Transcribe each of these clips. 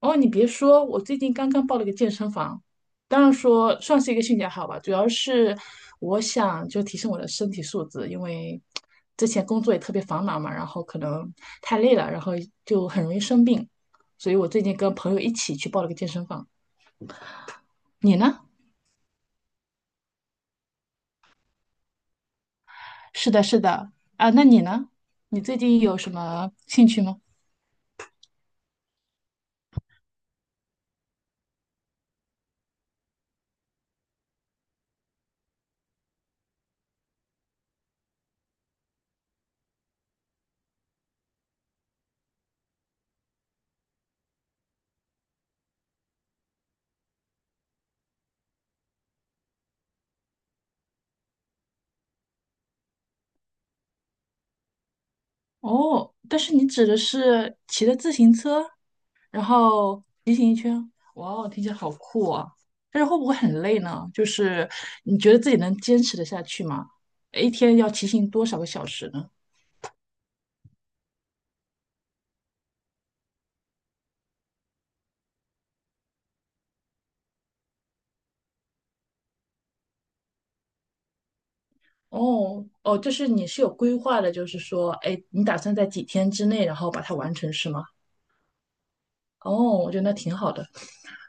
哦，你别说，我最近刚刚报了个健身房，当然说算是一个兴趣爱好吧，主要是我想就提升我的身体素质，因为之前工作也特别繁忙嘛，然后可能太累了，然后就很容易生病，所以我最近跟朋友一起去报了个健身房。你呢？是的，是的，啊，那你呢？你最近有什么兴趣吗？哦，但是你指的是骑着自行车，然后骑行一圈，哇哦，听起来好酷啊！但是会不会很累呢？就是你觉得自己能坚持得下去吗？一天要骑行多少个小时呢？哦哦，就是你是有规划的，就是说，哎，你打算在几天之内，然后把它完成，是吗？哦，我觉得那挺好的。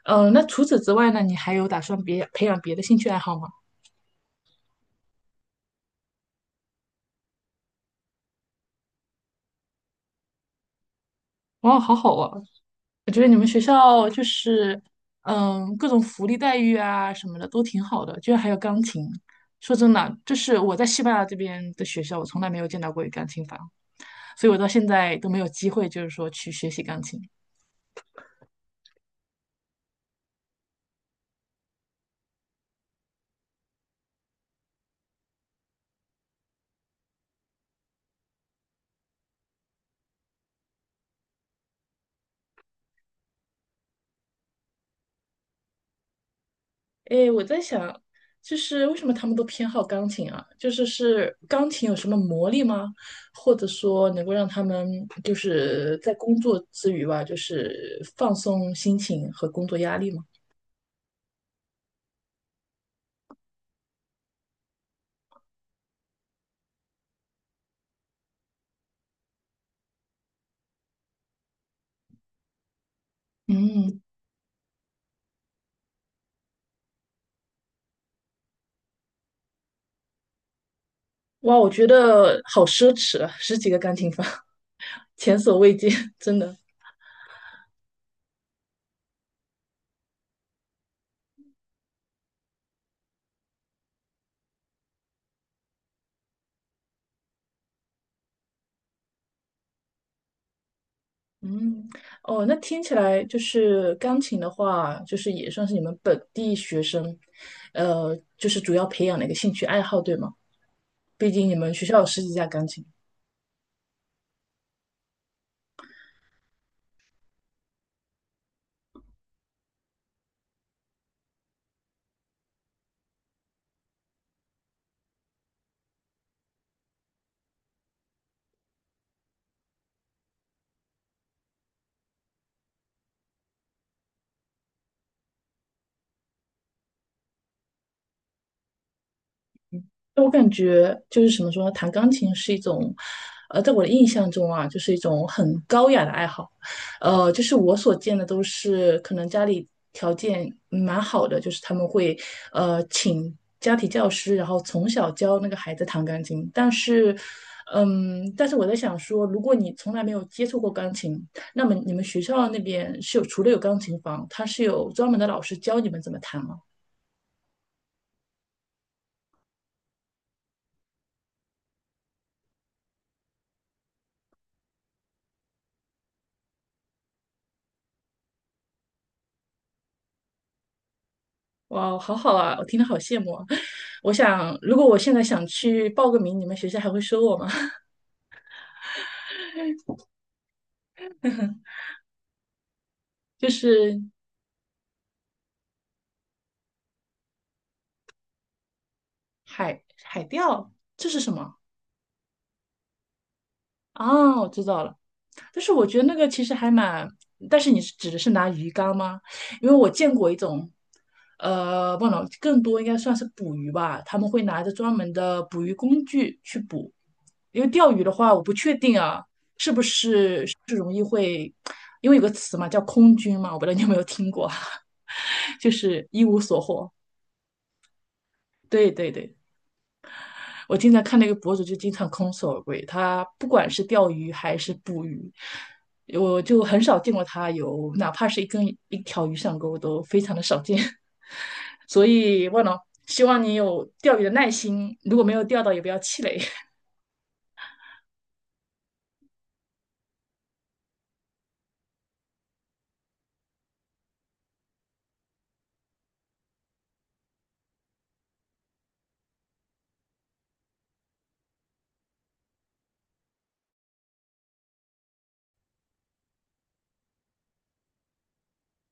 嗯，那除此之外呢，你还有打算别培养别的兴趣爱好吗？哇，好好啊！我觉得你们学校就是，嗯，各种福利待遇啊什么的都挺好的，居然还有钢琴。说真的，就是我在西班牙这边的学校，我从来没有见到过有钢琴房，所以我到现在都没有机会，就是说去学习钢琴。诶，我在想，就是为什么他们都偏好钢琴啊？就是是钢琴有什么魔力吗？或者说能够让他们就是在工作之余吧，就是放松心情和工作压力吗？嗯，哇，我觉得好奢侈啊，十几个钢琴房，前所未见，真的。嗯，哦，那听起来就是钢琴的话，就是也算是你们本地学生，就是主要培养的一个兴趣爱好，对吗？毕竟你们学校有十几架钢琴。我感觉就是怎么说呢，弹钢琴是一种，在我的印象中啊，就是一种很高雅的爱好。就是我所见的都是可能家里条件蛮好的，就是他们会请家庭教师，然后从小教那个孩子弹钢琴。但是，嗯，但是我在想说，如果你从来没有接触过钢琴，那么你们学校那边是有除了有钢琴房，它是有专门的老师教你们怎么弹吗？哇，好好啊，我听得好羡慕啊。我想，如果我现在想去报个名，你们学校还会收我吗？就是海钓，这是什么？啊，我知道了。但是我觉得那个其实还蛮，但是你是指的是拿鱼竿吗？因为我见过一种，不能更多应该算是捕鱼吧，他们会拿着专门的捕鱼工具去捕。因为钓鱼的话，我不确定啊，是不是因为有个词嘛，叫空军嘛，我不知道你有没有听过，就是一无所获。对对对，我经常看那个博主就经常空手而归，他不管是钓鱼还是捕鱼，我就很少见过他有哪怕是一条鱼上钩都非常的少见。所以，万了，希望你有钓鱼的耐心，如果没有钓到也不要气馁。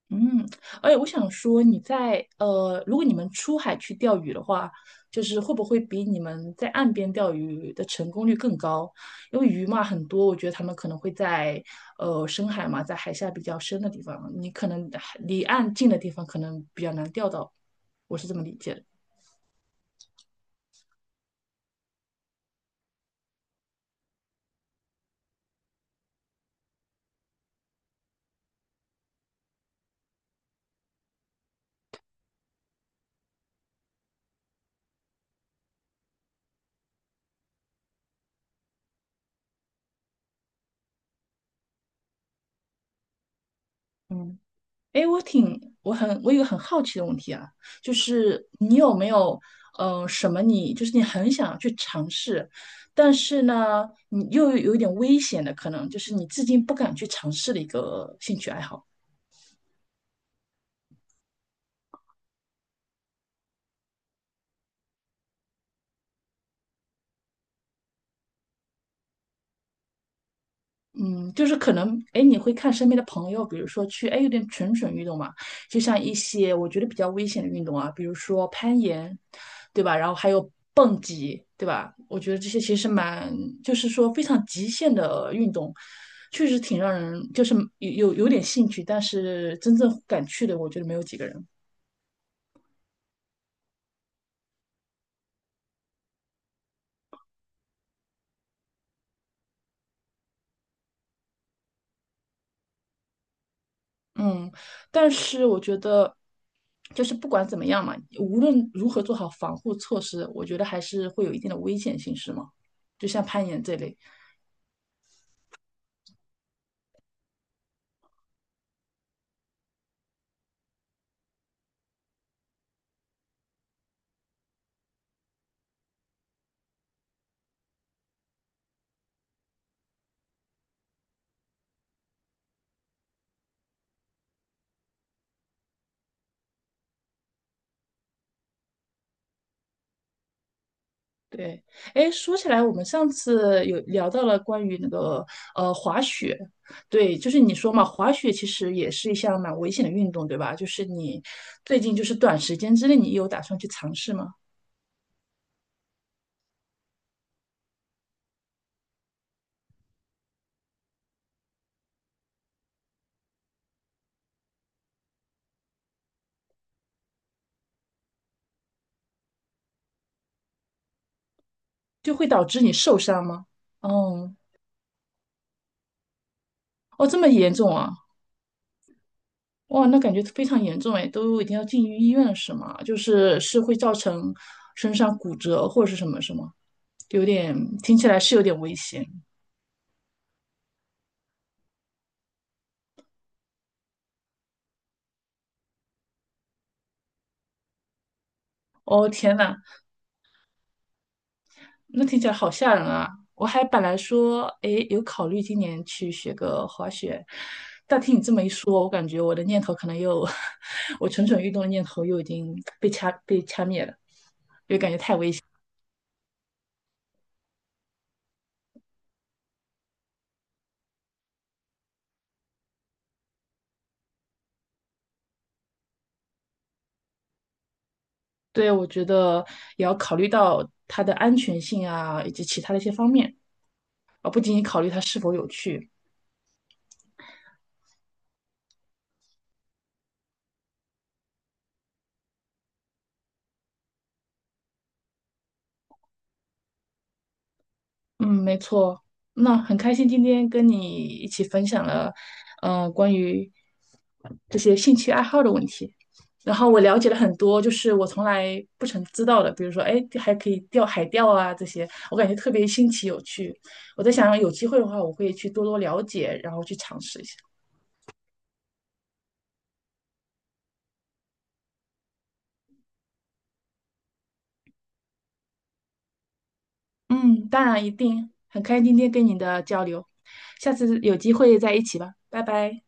嗯，哎，我想说，你在如果你们出海去钓鱼的话，就是会不会比你们在岸边钓鱼的成功率更高？因为鱼嘛很多，我觉得他们可能会在深海嘛，在海下比较深的地方，你可能离岸近的地方可能比较难钓到，我是这么理解的。嗯。哎，我挺，我很，我有一个很好奇的问题啊，就是你有没有，什么你就是你很想去尝试，但是呢，你又有一点危险的，可能就是你至今不敢去尝试的一个兴趣爱好。嗯，就是可能，哎，你会看身边的朋友，比如说去，哎，有点蠢蠢欲动嘛，就像一些我觉得比较危险的运动啊，比如说攀岩，对吧？然后还有蹦极，对吧？我觉得这些其实蛮，就是说非常极限的运动，确实挺让人就是有点兴趣，但是真正敢去的，我觉得没有几个人。嗯，但是我觉得，就是不管怎么样嘛，无论如何做好防护措施，我觉得还是会有一定的危险性，是吗？就像攀岩这类。对，哎，说起来，我们上次有聊到了关于那个滑雪，对，就是你说嘛，滑雪其实也是一项蛮危险的运动，对吧？就是你最近就是短时间之内，你有打算去尝试吗？就会导致你受伤吗？哦，哦，这么严重啊！哇，那感觉非常严重哎，都已经要进医院了是吗？就是是会造成身上骨折或者是什么什么，有点听起来是有点危险。哦天呐，那听起来好吓人啊！我还本来说，哎，有考虑今年去学个滑雪，但听你这么一说，我感觉我的念头可能又，我蠢蠢欲动的念头又已经被掐灭了。对，我觉得也要考虑到它的安全性啊，以及其他的一些方面，而不仅仅考虑它是否有趣。嗯，没错。那很开心今天跟你一起分享了，关于这些兴趣爱好的问题。然后我了解了很多，就是我从来不曾知道的，比如说，哎，还可以钓海钓啊这些，我感觉特别新奇有趣。我在想，有机会的话，我会去多多了解，然后去尝试一下。嗯，当然一定，很开心今天跟你的交流，下次有机会再一起吧，拜拜。